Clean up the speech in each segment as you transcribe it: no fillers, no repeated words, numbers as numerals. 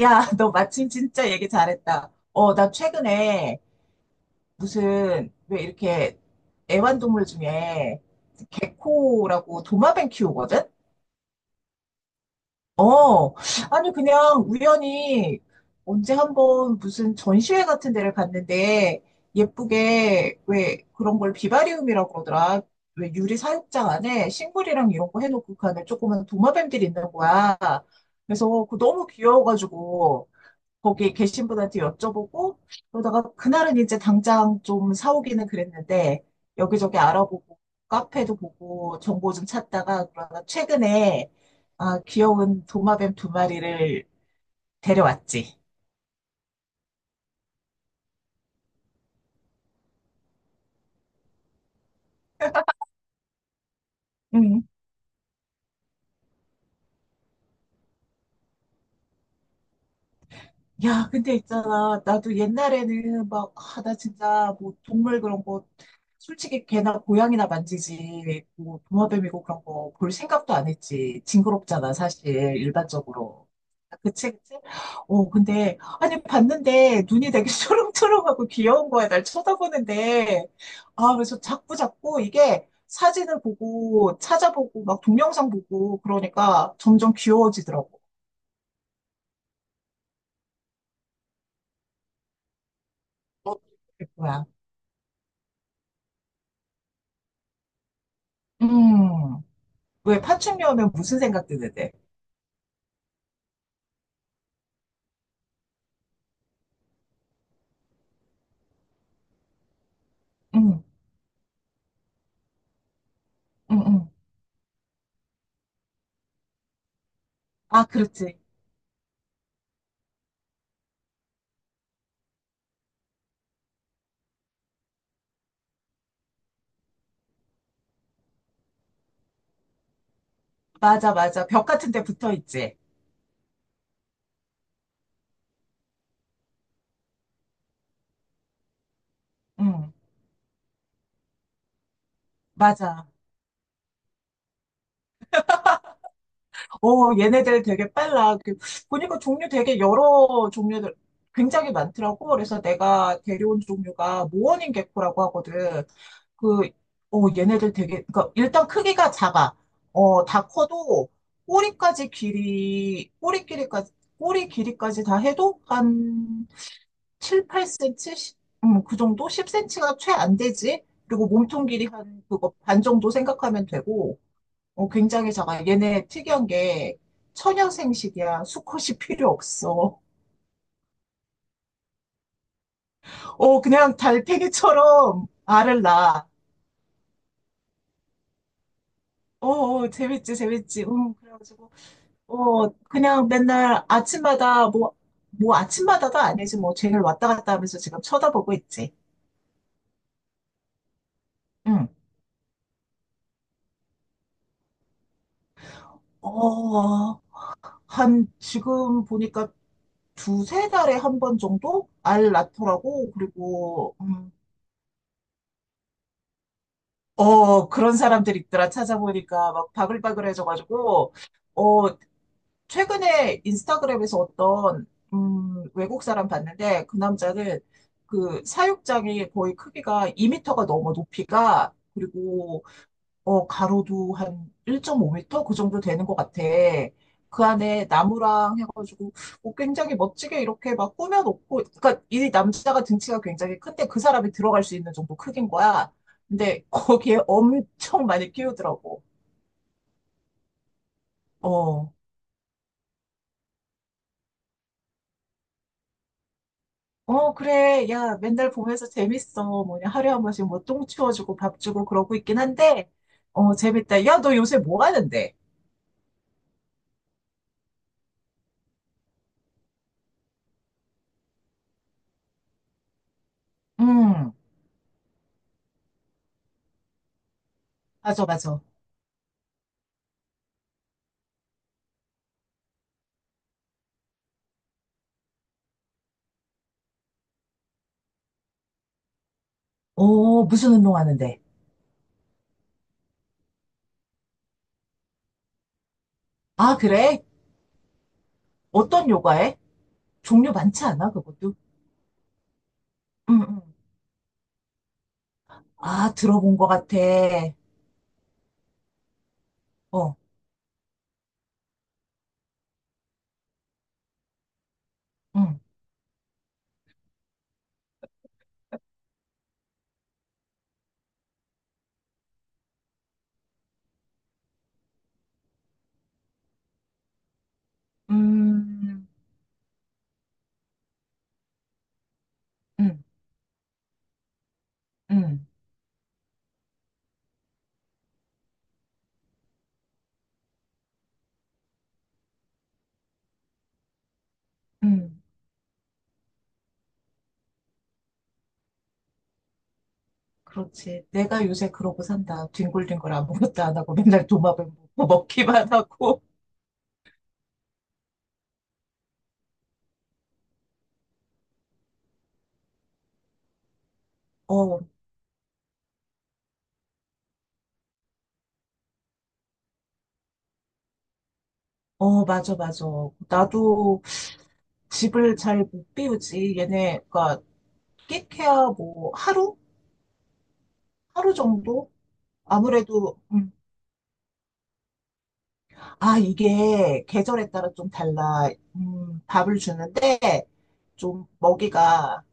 야, 너 마침 진짜 얘기 잘했다. 나 최근에 무슨, 왜 이렇게 애완동물 중에 개코라고 도마뱀 키우거든? 어, 아니, 그냥 우연히 언제 한번 무슨 전시회 같은 데를 갔는데 예쁘게 왜 그런 걸 비바리움이라고 그러더라. 왜 유리 사육장 안에 식물이랑 이런 거 해놓고 그 안에 조그만 도마뱀들이 있는 거야. 그래서 그 너무 귀여워가지고 거기 계신 분한테 여쭤보고 그러다가 그날은 이제 당장 좀 사오기는 그랬는데 여기저기 알아보고 카페도 보고 정보 좀 찾다가 그러다 최근에 귀여운 도마뱀 두 마리를 데려왔지. 야, 근데 있잖아. 나도 옛날에는 막, 나 진짜 뭐 동물 그런 거, 솔직히 개나 고양이나 만지지, 뭐 도마뱀이고 그런 거 볼 생각도 안 했지. 징그럽잖아, 사실, 일반적으로. 그치, 그치? 어, 근데, 아니, 봤는데 눈이 되게 초롱초롱하고 귀여운 거야. 날 쳐다보는데. 그래서 자꾸 자꾸 이게 사진을 보고 찾아보고 막 동영상 보고 그러니까 점점 귀여워지더라고. 어, 그거야. 음. 왜 파충류 하면 무슨 생각 드는데? 응, 응, 응. 아, 그렇지. 맞아, 맞아. 벽 같은 데 붙어 있지. 응, 맞아. 어, 얘네들 되게 빨라. 보니까 종류 되게 여러 종류들 굉장히 많더라고. 그래서 내가 데려온 종류가 모어닝 개코라고 하거든. 그, 얘네들 되게, 그러니까 일단 크기가 작아. 어, 다 커도 꼬리까지 길이, 꼬리 길이까지, 꼬리 길이까지 다 해도 한 7, 8cm, 그 정도? 10cm가 최 안 되지? 그리고 몸통 길이 한 그거 반 정도 생각하면 되고, 어, 굉장히 작아. 얘네 특이한 게천연 생식이야. 수컷이 필요 없어. 그냥 달팽이처럼 알을 낳아. 어, 어, 재밌지, 재밌지. 그래가지고, 그냥 맨날 아침마다 뭐, 아침마다도 아니지. 뭐 쟤를 왔다 갔다 하면서 지금 쳐다보고 있지. 응. 어, 한 지금 보니까 두세 달에 한 번 정도 알 낳더라고. 그리고 그런 사람들 있더라. 찾아보니까 막 바글바글해져가지고 어 최근에 인스타그램에서 어떤 외국 사람 봤는데 그 남자는 그 사육장이 거의 크기가 2미터가 넘어 높이가. 그리고 어, 가로도 한 1.5m? 그 정도 되는 것 같아. 그 안에 나무랑 해가지고, 뭐 굉장히 멋지게 이렇게 막 꾸며놓고, 그니까 이 남자가 등치가 굉장히 큰데 그 사람이 들어갈 수 있는 정도 크긴 거야. 근데 거기에 엄청 많이 끼우더라고. 어. 어, 그래. 야, 맨날 보면서 재밌어. 뭐냐, 하루에 한 번씩 뭐 똥 치워주고 밥 주고 그러고 있긴 한데, 어, 재밌다. 야, 너 요새 뭐 하는데? 음, 맞아, 맞아. 오, 무슨 운동 하는데? 아, 그래? 어떤 요가에? 종류 많지 않아, 그것도? 응, 응. 아, 들어본 것 같아. 어, 응. 음, 응, 응, 응. 그렇지. 내가 요새 그러고 산다. 뒹굴뒹굴 아무것도 안 하고 맨날 도마뱀 먹고 먹기만 하고. 어, 어, 맞아, 맞아. 나도 집을 잘 못 비우지. 얘네가 끽해야 뭐 하루? 하루 정도? 아무래도, 이게 계절에 따라 좀 달라. 밥을 주는데 좀 먹이가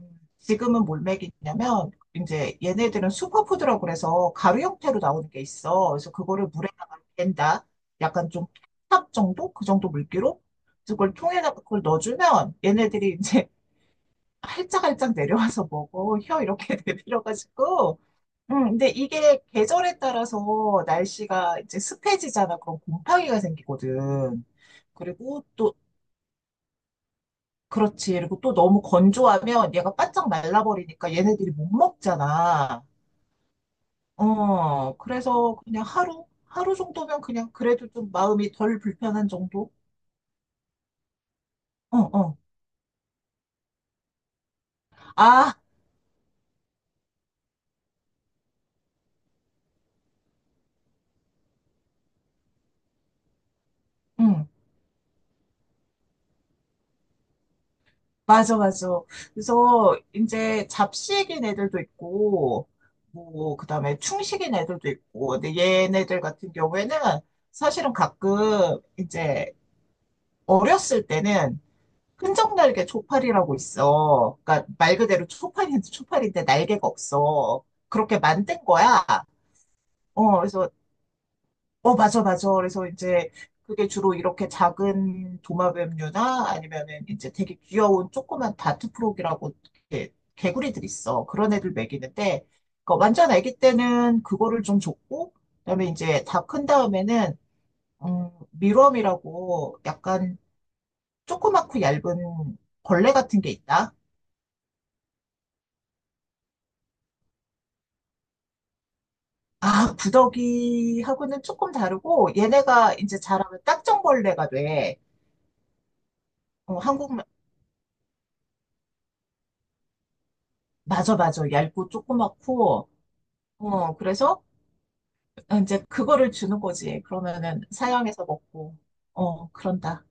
지금은 뭘 먹이냐면 이제 얘네들은 슈퍼푸드라고 그래서 가루 형태로 나오는 게 있어. 그래서 그거를 물에다가 깬다. 약간 좀 탑 정도? 그 정도 물기로? 그래서 그걸 통에다가 그걸 넣어주면 얘네들이 이제 활짝활짝 내려와서 먹어. 혀 이렇게 내밀어가지고. 근데 이게 계절에 따라서 날씨가 이제 습해지잖아. 그럼 곰팡이가 생기거든. 그리고 또, 그렇지. 그리고 또 너무 건조하면 얘가 바짝 말라버리니까 얘네들이 못 먹잖아. 그래서 그냥 하루? 하루 정도면 그냥 그래도 좀 마음이 덜 불편한 정도? 어, 어. 아, 응. 맞아, 맞아. 그래서 이제 잡식인 애들도 있고, 뭐, 그 다음에 충식인 애들도 있고, 근데 얘네들 같은 경우에는 사실은 가끔 이제 어렸을 때는 끈적 날개 초파리라고 있어. 그러니까 말 그대로 초파리데 초파리인데 날개가 없어. 그렇게 만든 거야. 어, 그래서 맞아, 맞아. 그래서 이제 그게 주로 이렇게 작은 도마뱀류나 아니면은 이제 되게 귀여운 조그만 다트프로기라고 이렇게 개구리들 있어. 그런 애들 먹이는데, 그러니까 완전 아기 때는 그거를 좀 줬고, 그다음에 이제 다 큰 다음에는, 밀웜이라고 약간 조그맣고 얇은 벌레 같은 게 있다. 구더기하고는 조금 다르고, 얘네가 이제 자라면 딱정벌레가 돼. 어, 한국, 맞아, 맞아. 얇고 조그맣고, 그래서 이제 그거를 주는 거지. 그러면은 사양해서 먹고, 어, 그런다.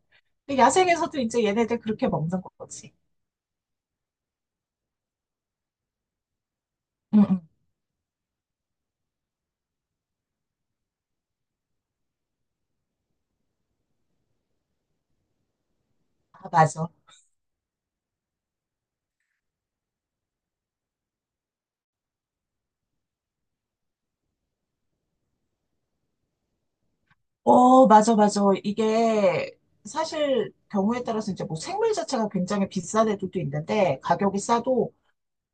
근데 야생에서도 이제 얘네들 그렇게 먹는 거지. 응, 응. 아, 맞아. 어, 맞아, 맞아. 이게 사실 경우에 따라서 이제 뭐 생물 자체가 굉장히 비싼 애들도 있는데 가격이 싸도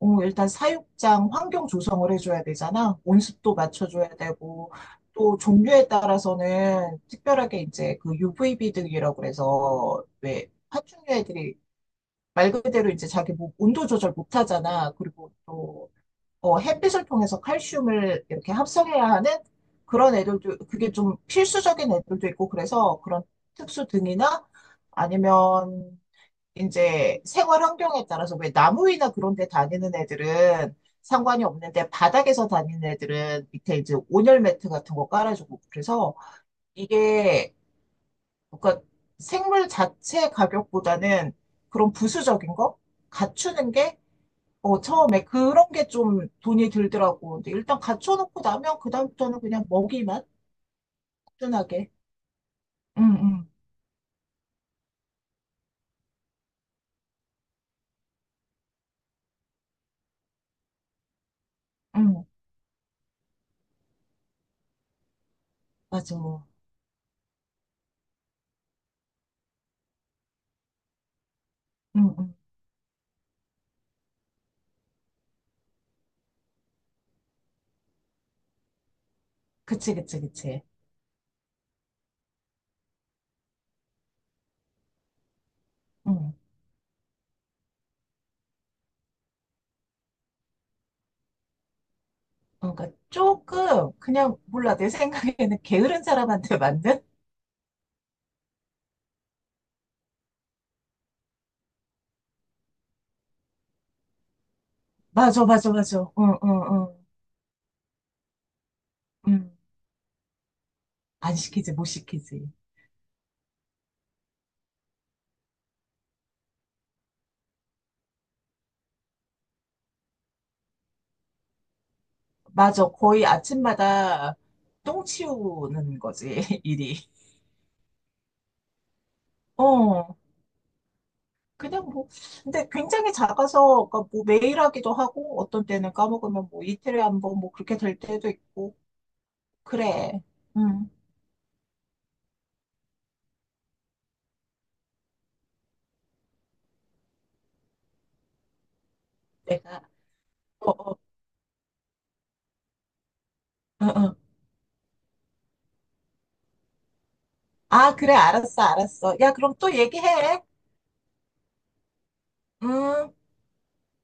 일단 사육장 환경 조성을 해줘야 되잖아. 온습도 맞춰줘야 되고 또 종류에 따라서는 특별하게 이제 그 UVB 등이라고 그래서 왜 파충류 애들이 말 그대로 이제 자기 뭐 온도 조절 못 하잖아. 그리고 또, 햇빛을 통해서 칼슘을 이렇게 합성해야 하는 그런 애들도, 그게 좀 필수적인 애들도 있고, 그래서 그런 특수 등이나 아니면 이제 생활 환경에 따라서 왜 나무 위나 그런 데 다니는 애들은 상관이 없는데 바닥에서 다니는 애들은 밑에 이제 온열 매트 같은 거 깔아주고 그래서 이게 그러니까 생물 자체 가격보다는 그런 부수적인 거 갖추는 게 처음에 그런 게 좀 돈이 들더라고. 근데 일단 갖춰놓고 나면 그다음부터는 그냥 먹이만 꾸준하게. 응, 응, 응, 맞아. 응, 응. 그치, 그치, 그치. 응. 그러니까 조금, 그냥, 몰라. 내 생각에는 게으른 사람한테 맞는? 맞아, 맞아, 맞아. 응, 응, 응. 응. 안 시키지, 못 시키지. 맞아. 거의 아침마다 똥 치우는 거지, 일이. 어, 그냥 뭐, 근데 굉장히 작아서, 그러니까 뭐 매일 하기도 하고, 어떤 때는 까먹으면 뭐 이틀에 한 번, 뭐 그렇게 될 때도 있고, 그래. 응, 내가, 어, 어, 어, 어. 아, 그래, 알았어, 알았어. 야, 그럼 또 얘기해. 음.